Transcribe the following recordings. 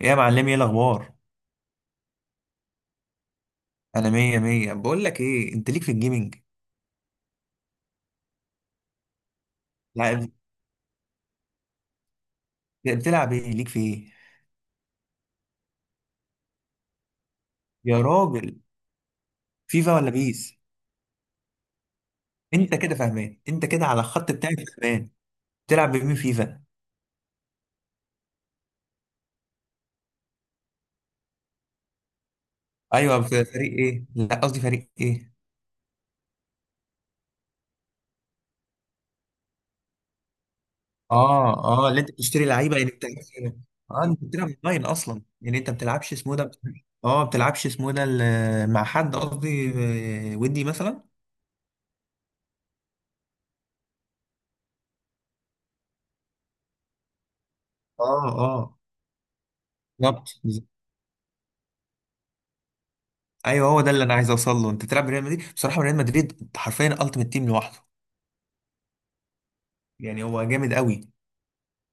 يا معلم، ايه الاخبار؟ انا مية مية. بقول لك ايه، انت ليك في الجيمنج؟ لا، بتلعب ايه؟ ليك في ايه يا راجل؟ فيفا ولا بيس؟ انت كده فاهمان، انت كده على الخط بتاعي. فاهمان. بتلعب بمين فيفا؟ ايوه، في فريق ايه؟ لا قصدي فريق ايه؟ اه اه، اللي انت بتشتري لعيبه يعني انت. اه، انت بتلعب اونلاين اصلا يعني؟ انت بتلعبش اسمه ده؟ اه، بتلعبش اسمه ده مع حد قصدي، آه، ودي مثلا. اه اه، بالظبط. ايوه، هو ده اللي انا عايز اوصل له. انت تلعب ريال مدريد، بصراحه ريال مدريد حرفيا التيمت تيم لوحده. يعني هو جامد قوي.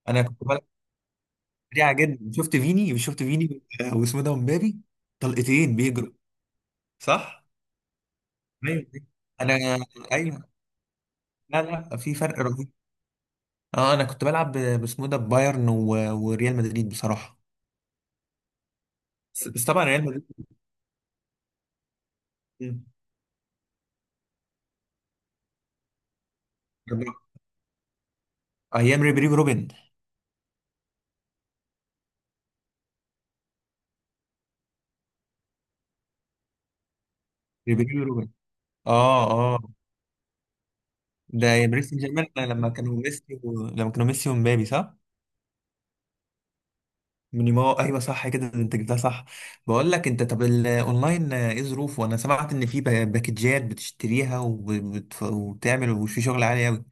انا كنت بلعب سريع جدا. شفت فيني، شفت فيني. واسمه ده مبابي. طلقتين بيجروا. صح. ايوه. انا، ايوه. لا لا، في فرق رهيب. اه، انا كنت بلعب باسمه ده بايرن وريال مدريد بصراحه. بس طبعا ريال مدريد. ايام ريبيري روبن. ريبيري روبن. اه اه. ده باريس سان جيرمان لما كانوا ميسي و... لما كانوا ميسي ومبابي، صح. مينيمو، ايوه صح كده، انت جبتها صح. بقول لك انت، طب الاونلاين ايه ظروفه؟ انا سمعت ان في باكجات بتشتريها وبت- وبتعمل، وفي شغل عالي قوي.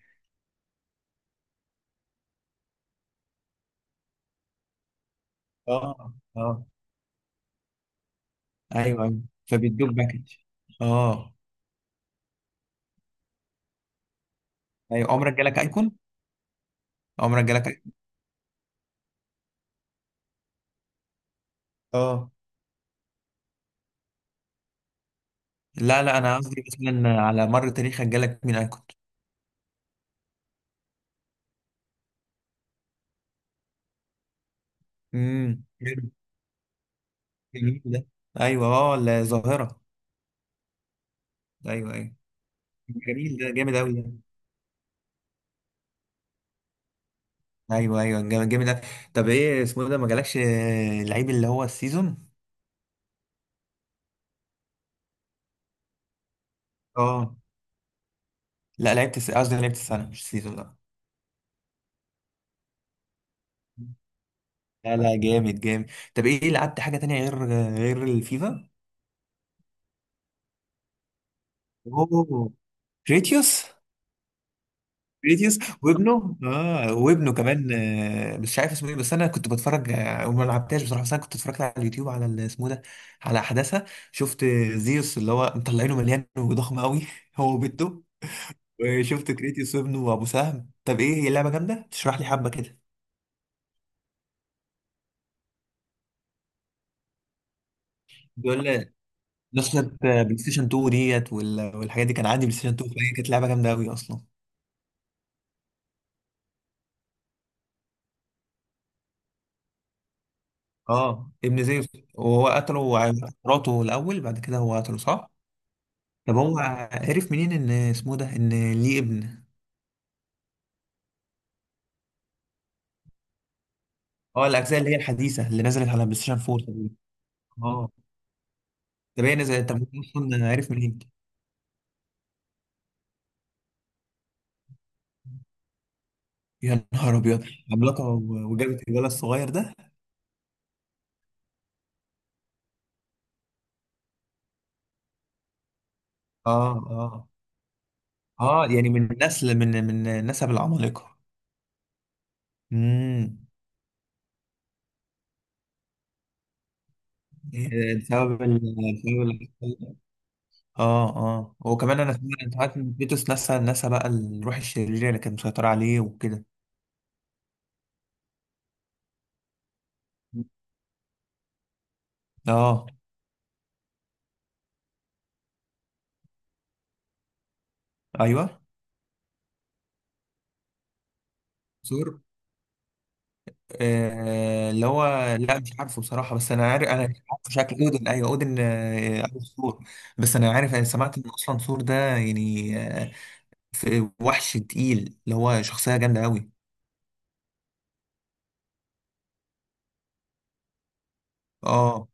اه اه. ايوه ايوه. فبيدوك باكج. اه. ايوه، عمرك جالك ايكون؟ عمرك جالك ايكون؟ اه لا، لا انا قصدي مثلا على مر تاريخك جالك مين ايكون؟ امم. جميل ده. ايوه، اه الظاهره. ايوه ايوه. جميل ده، جامد قوي. ايوه ايوه، جامد جامد أوي. طب ايه اسمه ده ما جالكش؟ لعيب اللي هو السيزون. اه. لا لعبت قصدي لعبت السنه مش السيزون، لا. لا لا، جامد جامد. طب ايه، لعبت حاجه تانية غير غير الفيفا؟ اوه، كريتيوس. كريتيوس وابنه. اه، وابنه كمان. مش عارف اسمه ايه، بس انا كنت بتفرج، وما لعبتهاش بصراحه. بس انا كنت اتفرجت على اليوتيوب على اسمه ده، على احداثها. شفت زيوس اللي هو مطلعينه مليان وضخم قوي هو وبنته. وشفت كريتيوس وابنه وابو سهم. طب ايه، هي اللعبه جامده؟ تشرح لي حبه كده. بيقول لي نسخه بلاي ستيشن 2 ديت والحاجات دي، كان عندي بلاي ستيشن 2، فهي كانت لعبه جامده قوي اصلا. اه، ابن زيوس. وهو قتله مراته الاول، بعد كده هو قتله، صح؟ طب هو عرف منين ان اسمه ده، ان ليه ابن؟ اه، الاجزاء اللي هي الحديثه اللي نزلت على بلاي ستيشن 4 تقريبا. اه. طب هي نزلت، طب هو اصلا عرف منين؟ يا نهار ابيض. عملاقه وجابت الولد الصغير ده. اه اه. اه، يعني من نسل، من من نسب العمالقة. امم. بسبب بسبب اللي حصل. اه اه، وكمان انا سمعت، انت عارف ان فيتوس نسى، بقى الروح الشريرة اللي كانت مسيطرة عليه وكده. اه، ايوه. سور. آه اللي هو. لا، مش عارفه بصراحة، بس انا عارف، انا مش عارف شكل اودن. ايوه اودن، آه أبو سور. بس انا عارف، انا سمعت ان اصلا سور ده يعني آه، في وحش تقيل، اللي هو شخصية جامدة قوي. اه،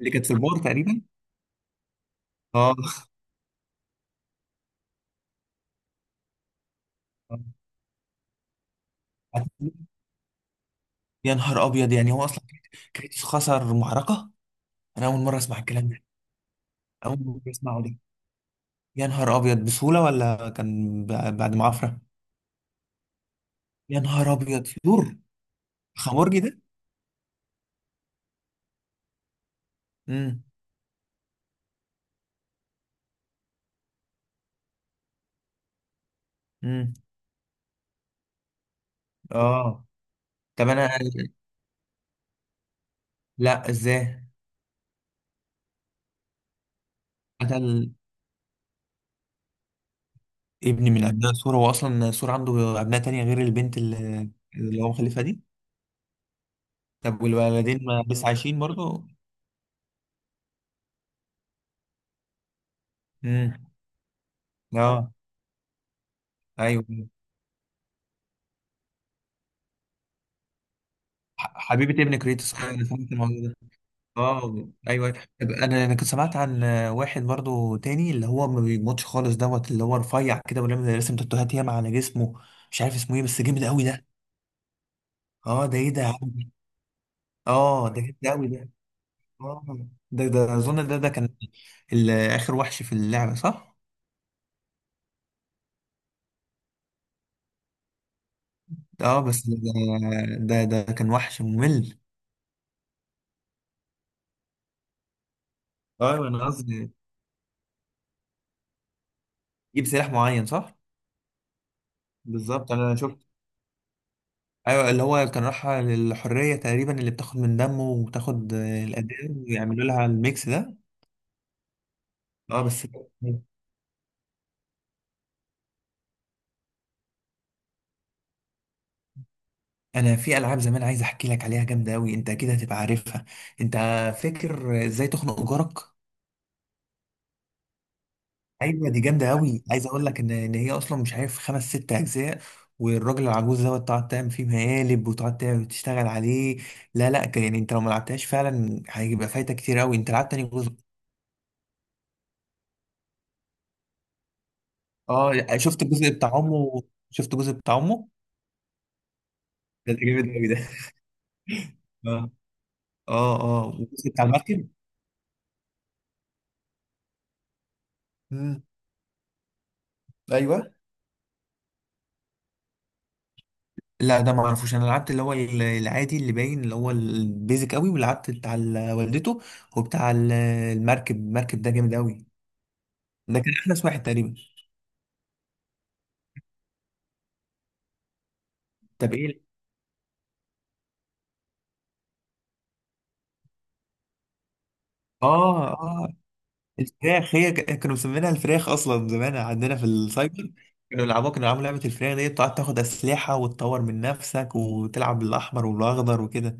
اللي كانت في البار تقريبا. اه. يا نهار ابيض، يعني هو اصلا كريتوس خسر معركه؟ انا اول مره اسمع الكلام ده. اول مره اسمعه ده. يا نهار ابيض، بسهوله ولا كان بعد معافره؟ يا نهار ابيض، يور خمورجي ده. امم. امم. اه. طب انا، لا ازاي؟ قتل؟ ابن من ابناء سور؟ هو اصلا سور عنده ابناء تانية غير البنت اللي، اللي هو مخلفها دي؟ طب والولدين ما لسه عايشين برضه؟ امم. اه. ايوه، حبيبه ابن كريتوس، أيوة، أنا فهمت الموضوع ده. اه ايوه. انا انا كنت سمعت عن واحد برضو تاني، اللي هو ما بيموتش خالص دوت، اللي هو رفيع كده ولما رسم تاتوهات ياما على جسمه. مش عارف اسمه ايه بس جامد قوي ده. اه، ده ايه ده يا عم؟ اه، ده جامد قوي ده. اه، ده اظن ده كان اخر وحش في اللعبه، صح؟ اه بس ده، ده كان وحش ممل. اه انا قصدي يجيب سلاح معين، صح؟ بالظبط انا شفت. ايوه، اللي هو كان رايحة للحرية تقريبا، اللي بتاخد من دمه وبتاخد الأداء، ويعملوا لها الميكس ده. اه بس. انا في العاب زمان عايز احكي لك عليها، جامدة قوي، انت اكيد هتبقى عارفها. انت فاكر ازاي تخنق جارك؟ ايوه دي جامدة قوي. عايز اقول لك ان ان هي اصلا مش عارف خمس ست اجزاء، والراجل العجوز دوت تقعد تعمل فيه مقالب وتقعد تعمل تشتغل عليه. لا لا، يعني انت لو ما لعبتهاش فعلا هيبقى فايتك كتير قوي. انت لعبت تاني جزء؟ اه، شفت الجزء بتاع امه. شفت الجزء بتاع امه. ده جامد قوي ده. اه اه، اه والجزء بتاع المركب. امم. ايوه. لا ده ما اعرفوش. انا لعبت اللي هو العادي اللي باين اللي هو البيزك قوي، ولعبت بتاع والدته، وبتاع المركب. المركب ده جامد قوي. ده كان احدث واحد تقريبا. طب ايه؟ اه اه. الفراخ، هي كانوا مسمينها الفراخ اصلا زمان عندنا في السايبر. كانوا يلعبوها، كانوا يلعبوا لعبه الفراخ دي، بتقعد تاخد اسلحه وتطور من نفسك وتلعب بالاحمر والاخضر وكده.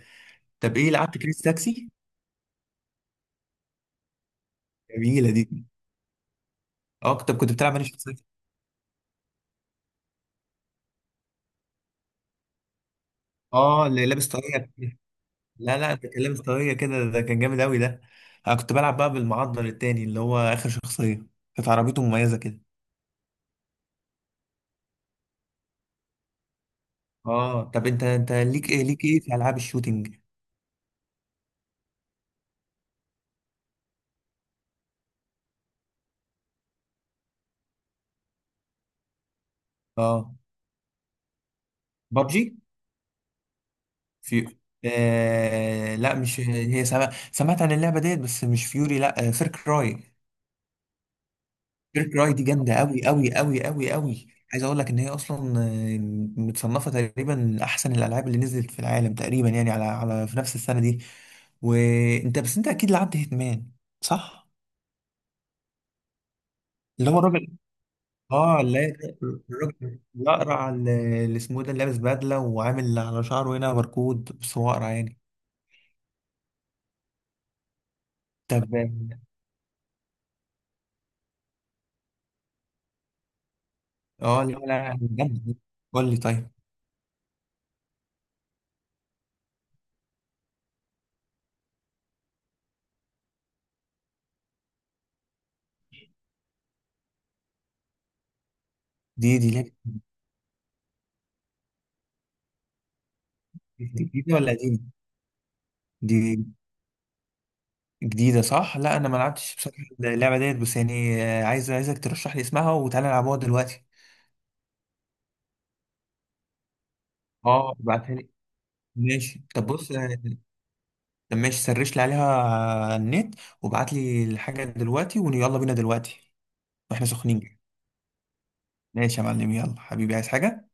طب ايه، لعبت كريس تاكسي؟ جميله دي. اه، كنت بتلعب انا شخصية، اه، اللي لابس طاقية. لا لا، ده كان لابس طاقية كده، ده كان جامد قوي ده. انا كنت بلعب بقى بالمعضل التاني، اللي هو اخر شخصية. كانت عربيته مميزة كده. اه، طب انت، انت ليك ايه، ليك ايه في العاب الشوتينج؟ اه، بابجي. في آه لا، مش هي. سمع... سمعت عن اللعبة ديت، بس مش فيوري لا، فير كراي. كيرك راي دي جامده قوي قوي قوي قوي قوي. عايز اقول لك ان هي اصلا، متصنفه تقريبا من احسن الالعاب اللي نزلت في العالم تقريبا، يعني على على في نفس السنه دي. وانت بس، انت اكيد لعبت هيتمان، صح؟ اللي هو الراجل. اه لا، الراجل الاقرع اللي، اللي اسمه إيه ده، اللي لابس بدله وعامل على شعره هنا بركود بس هو اقرع يعني. طب، اه لا لا لا، جامده دي. قول لي طيب. دي دي لعبه جديده ولا قديمه؟ دي جديدة، صح؟ لا أنا ما لعبتش بصراحة اللعبة ديت، بس يعني عايز عايزك ترشح لي اسمها وتعالى نلعبوها دلوقتي. اه، ابعتها لي. ماشي، طب بص طب ماشي، سرش لي عليها على النت وابعت لي الحاجة دلوقتي ويلا بينا دلوقتي. واحنا سخنين. ماشي يا معلم، يلا حبيبي، عايز حاجة؟